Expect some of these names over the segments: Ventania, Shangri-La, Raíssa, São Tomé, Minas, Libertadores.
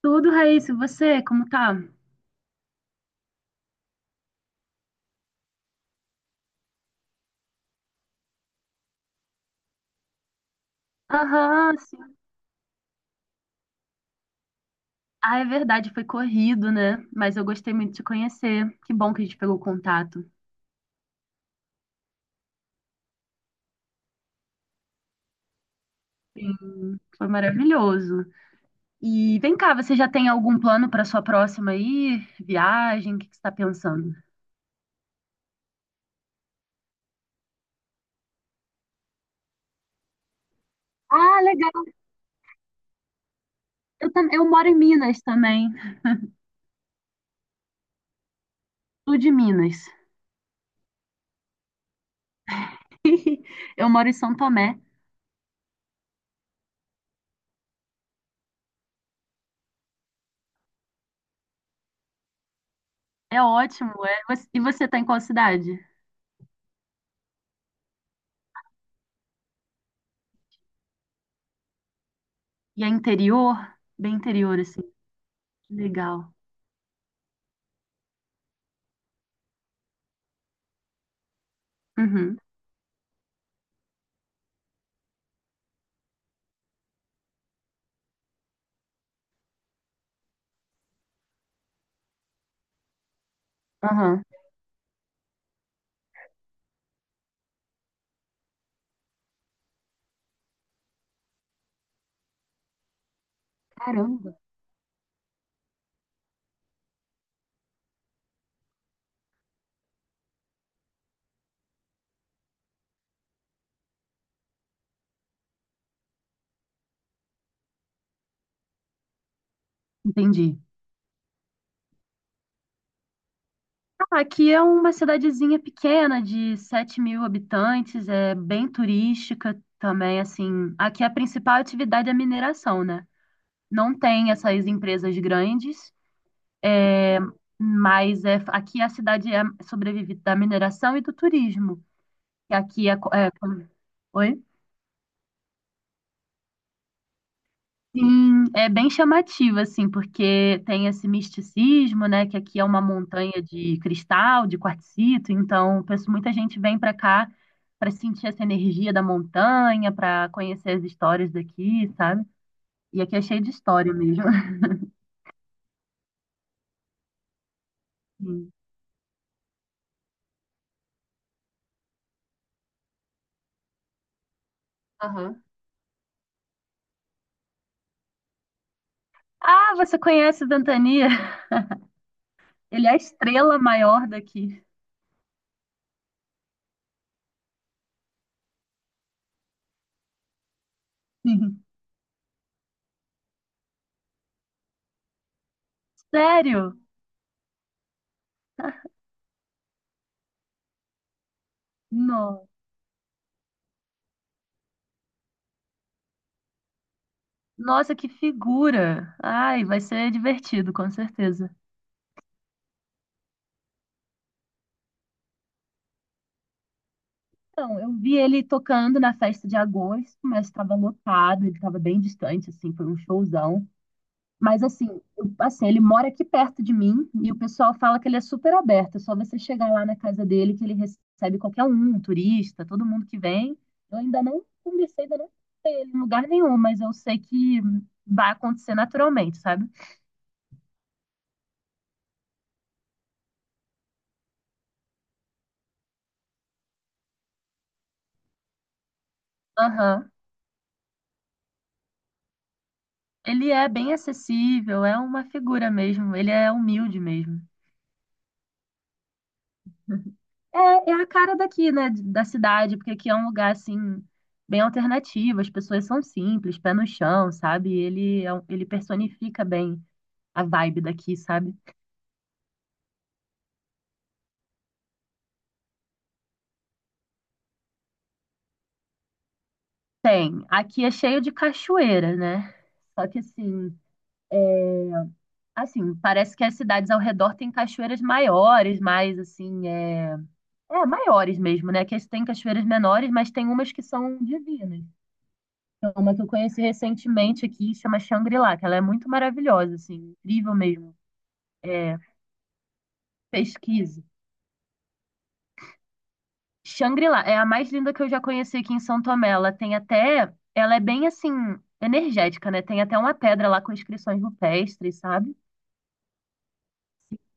Tudo, Raíssa, e você, como tá? Aham, sim. Ah, é verdade, foi corrido, né? Mas eu gostei muito de te conhecer. Que bom que a gente pegou contato. Sim, foi maravilhoso. E vem cá, você já tem algum plano para sua próxima aí? Viagem? O que que você está pensando? Ah, legal. Eu moro em Minas também, sul de Minas. Eu moro em São Tomé. É ótimo, é. E você tá em qual cidade? E é interior? Bem interior, assim. Legal. Uhum. Aham. Caramba. Entendi. Ah, aqui é uma cidadezinha pequena de 7 mil habitantes, é bem turística também, assim. Aqui a principal atividade é a mineração, né? Não tem essas empresas grandes, é, mas é, aqui a cidade é, sobrevive da mineração e do turismo. E aqui é. Oi? Sim, é bem chamativo, assim, porque tem esse misticismo, né, que aqui é uma montanha de cristal, de quartzito, então muita gente vem para cá para sentir essa energia da montanha, para conhecer as histórias daqui, sabe? E aqui é cheio de história mesmo. Sim. Aham. Ah, você conhece o Ventania? Ele é a estrela maior daqui. Sim. Sério? Não. Nossa, que figura! Ai, vai ser divertido, com certeza. Então, eu vi ele tocando na festa de agosto, mas estava lotado, ele estava bem distante, assim, foi um showzão. Mas assim, assim, ele mora aqui perto de mim e o pessoal fala que ele é super aberto, é só você chegar lá na casa dele que ele recebe qualquer um, um turista, todo mundo que vem. Eu ainda não conversei, ainda não vi ele em lugar nenhum, mas eu sei que vai acontecer naturalmente, sabe? Aham. Ele é bem acessível, é uma figura mesmo, ele é humilde mesmo. É, é a cara daqui, né, da cidade, porque aqui é um lugar, assim, bem alternativo, as pessoas são simples, pé no chão, sabe? Ele personifica bem a vibe daqui, sabe? Tem, aqui é cheio de cachoeira, né? Só que, assim, assim, parece que as cidades ao redor têm cachoeiras maiores, mais, assim, é. É, maiores mesmo, né? Que tem cachoeiras menores, mas tem umas que são divinas. Tem uma que eu conheci recentemente aqui, chama Shangri-La, que ela é muito maravilhosa, assim, incrível mesmo. É, pesquise. Shangri-La é a mais linda que eu já conheci aqui em São Tomé. Ela tem até. Ela é bem assim, energética, né? Tem até uma pedra lá com inscrições rupestres, sabe?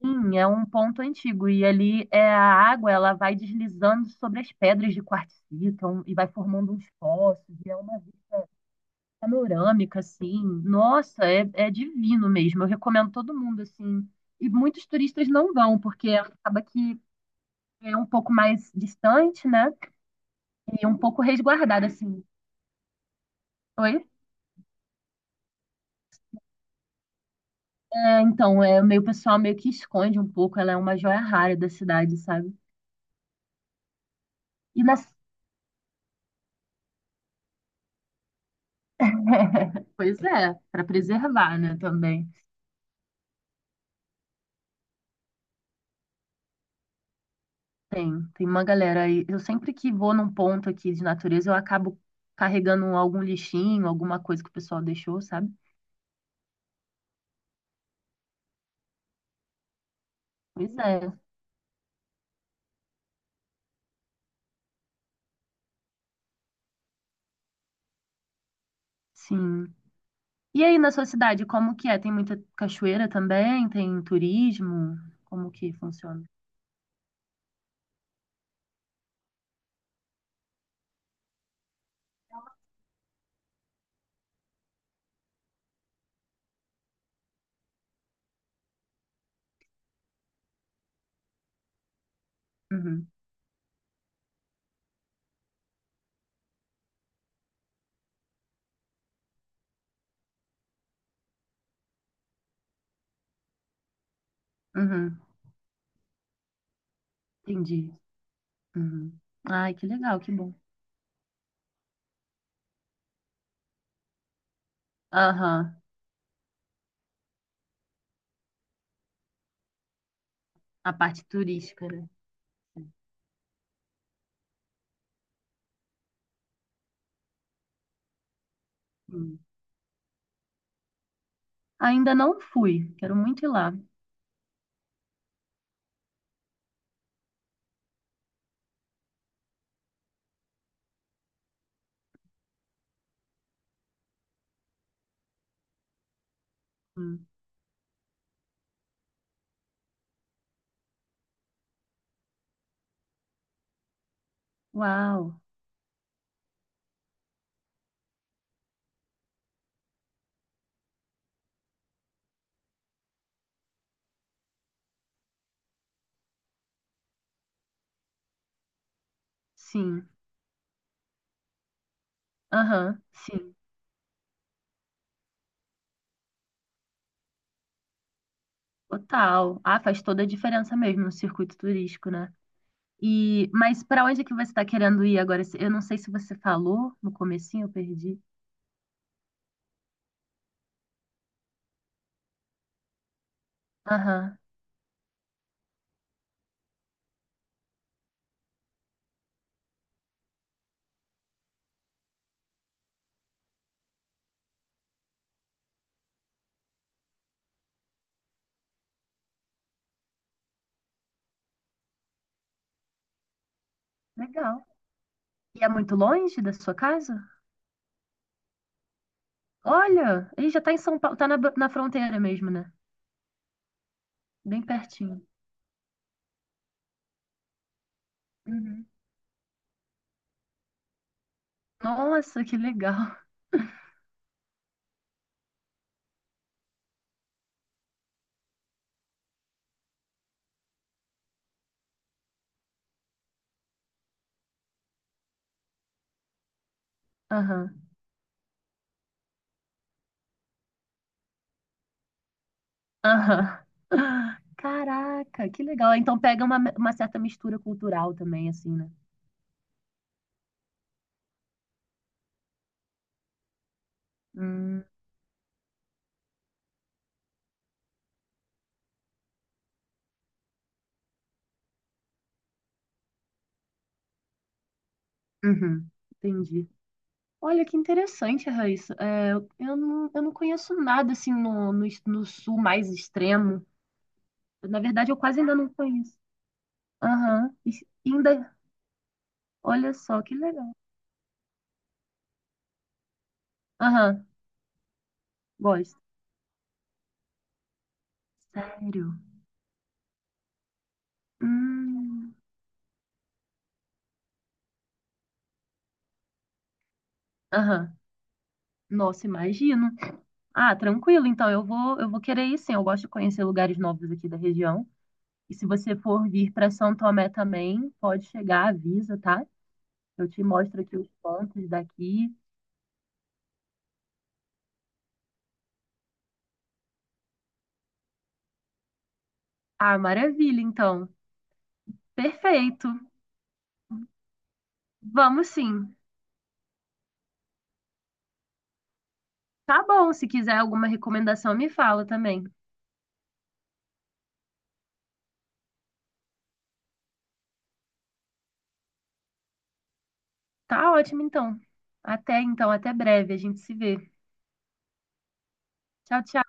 Sim, é um ponto antigo. E ali é a água, ela vai deslizando sobre as pedras de quartzito e vai formando uns poços. E é uma vista panorâmica, assim. Nossa, é, é divino mesmo. Eu recomendo todo mundo, assim. E muitos turistas não vão, porque acaba que é um pouco mais distante, né? E um pouco resguardada, assim. Oi? É, então, é, meio, o pessoal meio que esconde um pouco, ela é uma joia rara da cidade, sabe? E na... Pois é, para preservar, né, também. Tem uma galera aí. Eu sempre que vou num ponto aqui de natureza, eu acabo carregando algum lixinho, alguma coisa que o pessoal deixou, sabe? Pois é, sim. E aí na sua cidade, como que é? Tem muita cachoeira também? Tem turismo? Como que funciona? Uhum, uhum, entendi. Uhum. Ai, que legal, que bom. Aham, a parte turística, né? Hum. Ainda não fui, quero muito ir lá. Hum. Uau, sim. Aham, sim. Total. Ah, faz toda a diferença mesmo no circuito turístico, né? E, mas para onde é que você está querendo ir agora? Eu não sei se você falou no comecinho, eu perdi. Aham, legal. E é muito longe da sua casa? Olha, ele já tá em São Paulo, tá na fronteira mesmo, né? Bem pertinho. Uhum. Nossa, que legal. Aham, aham. Caraca, que legal. Então pega uma certa mistura cultural também, assim, né? Hum, uhum, entendi. Olha que interessante, Raíssa. É, eu não conheço nada assim no sul mais extremo. Na verdade, eu quase ainda não conheço. Aham. E ainda, olha só que legal. Aham, gosto. Sério. Hum, Aham. Nossa, imagino. Ah, tranquilo. Então, eu vou querer ir sim. Eu gosto de conhecer lugares novos aqui da região. E se você for vir para São Tomé também, pode chegar, avisa, tá? Eu te mostro aqui os pontos daqui. Ah, maravilha, então. Perfeito. Vamos sim. Tá bom. Se quiser alguma recomendação, me fala também. Tá ótimo, então. Até então, até breve. A gente se vê. Tchau, tchau.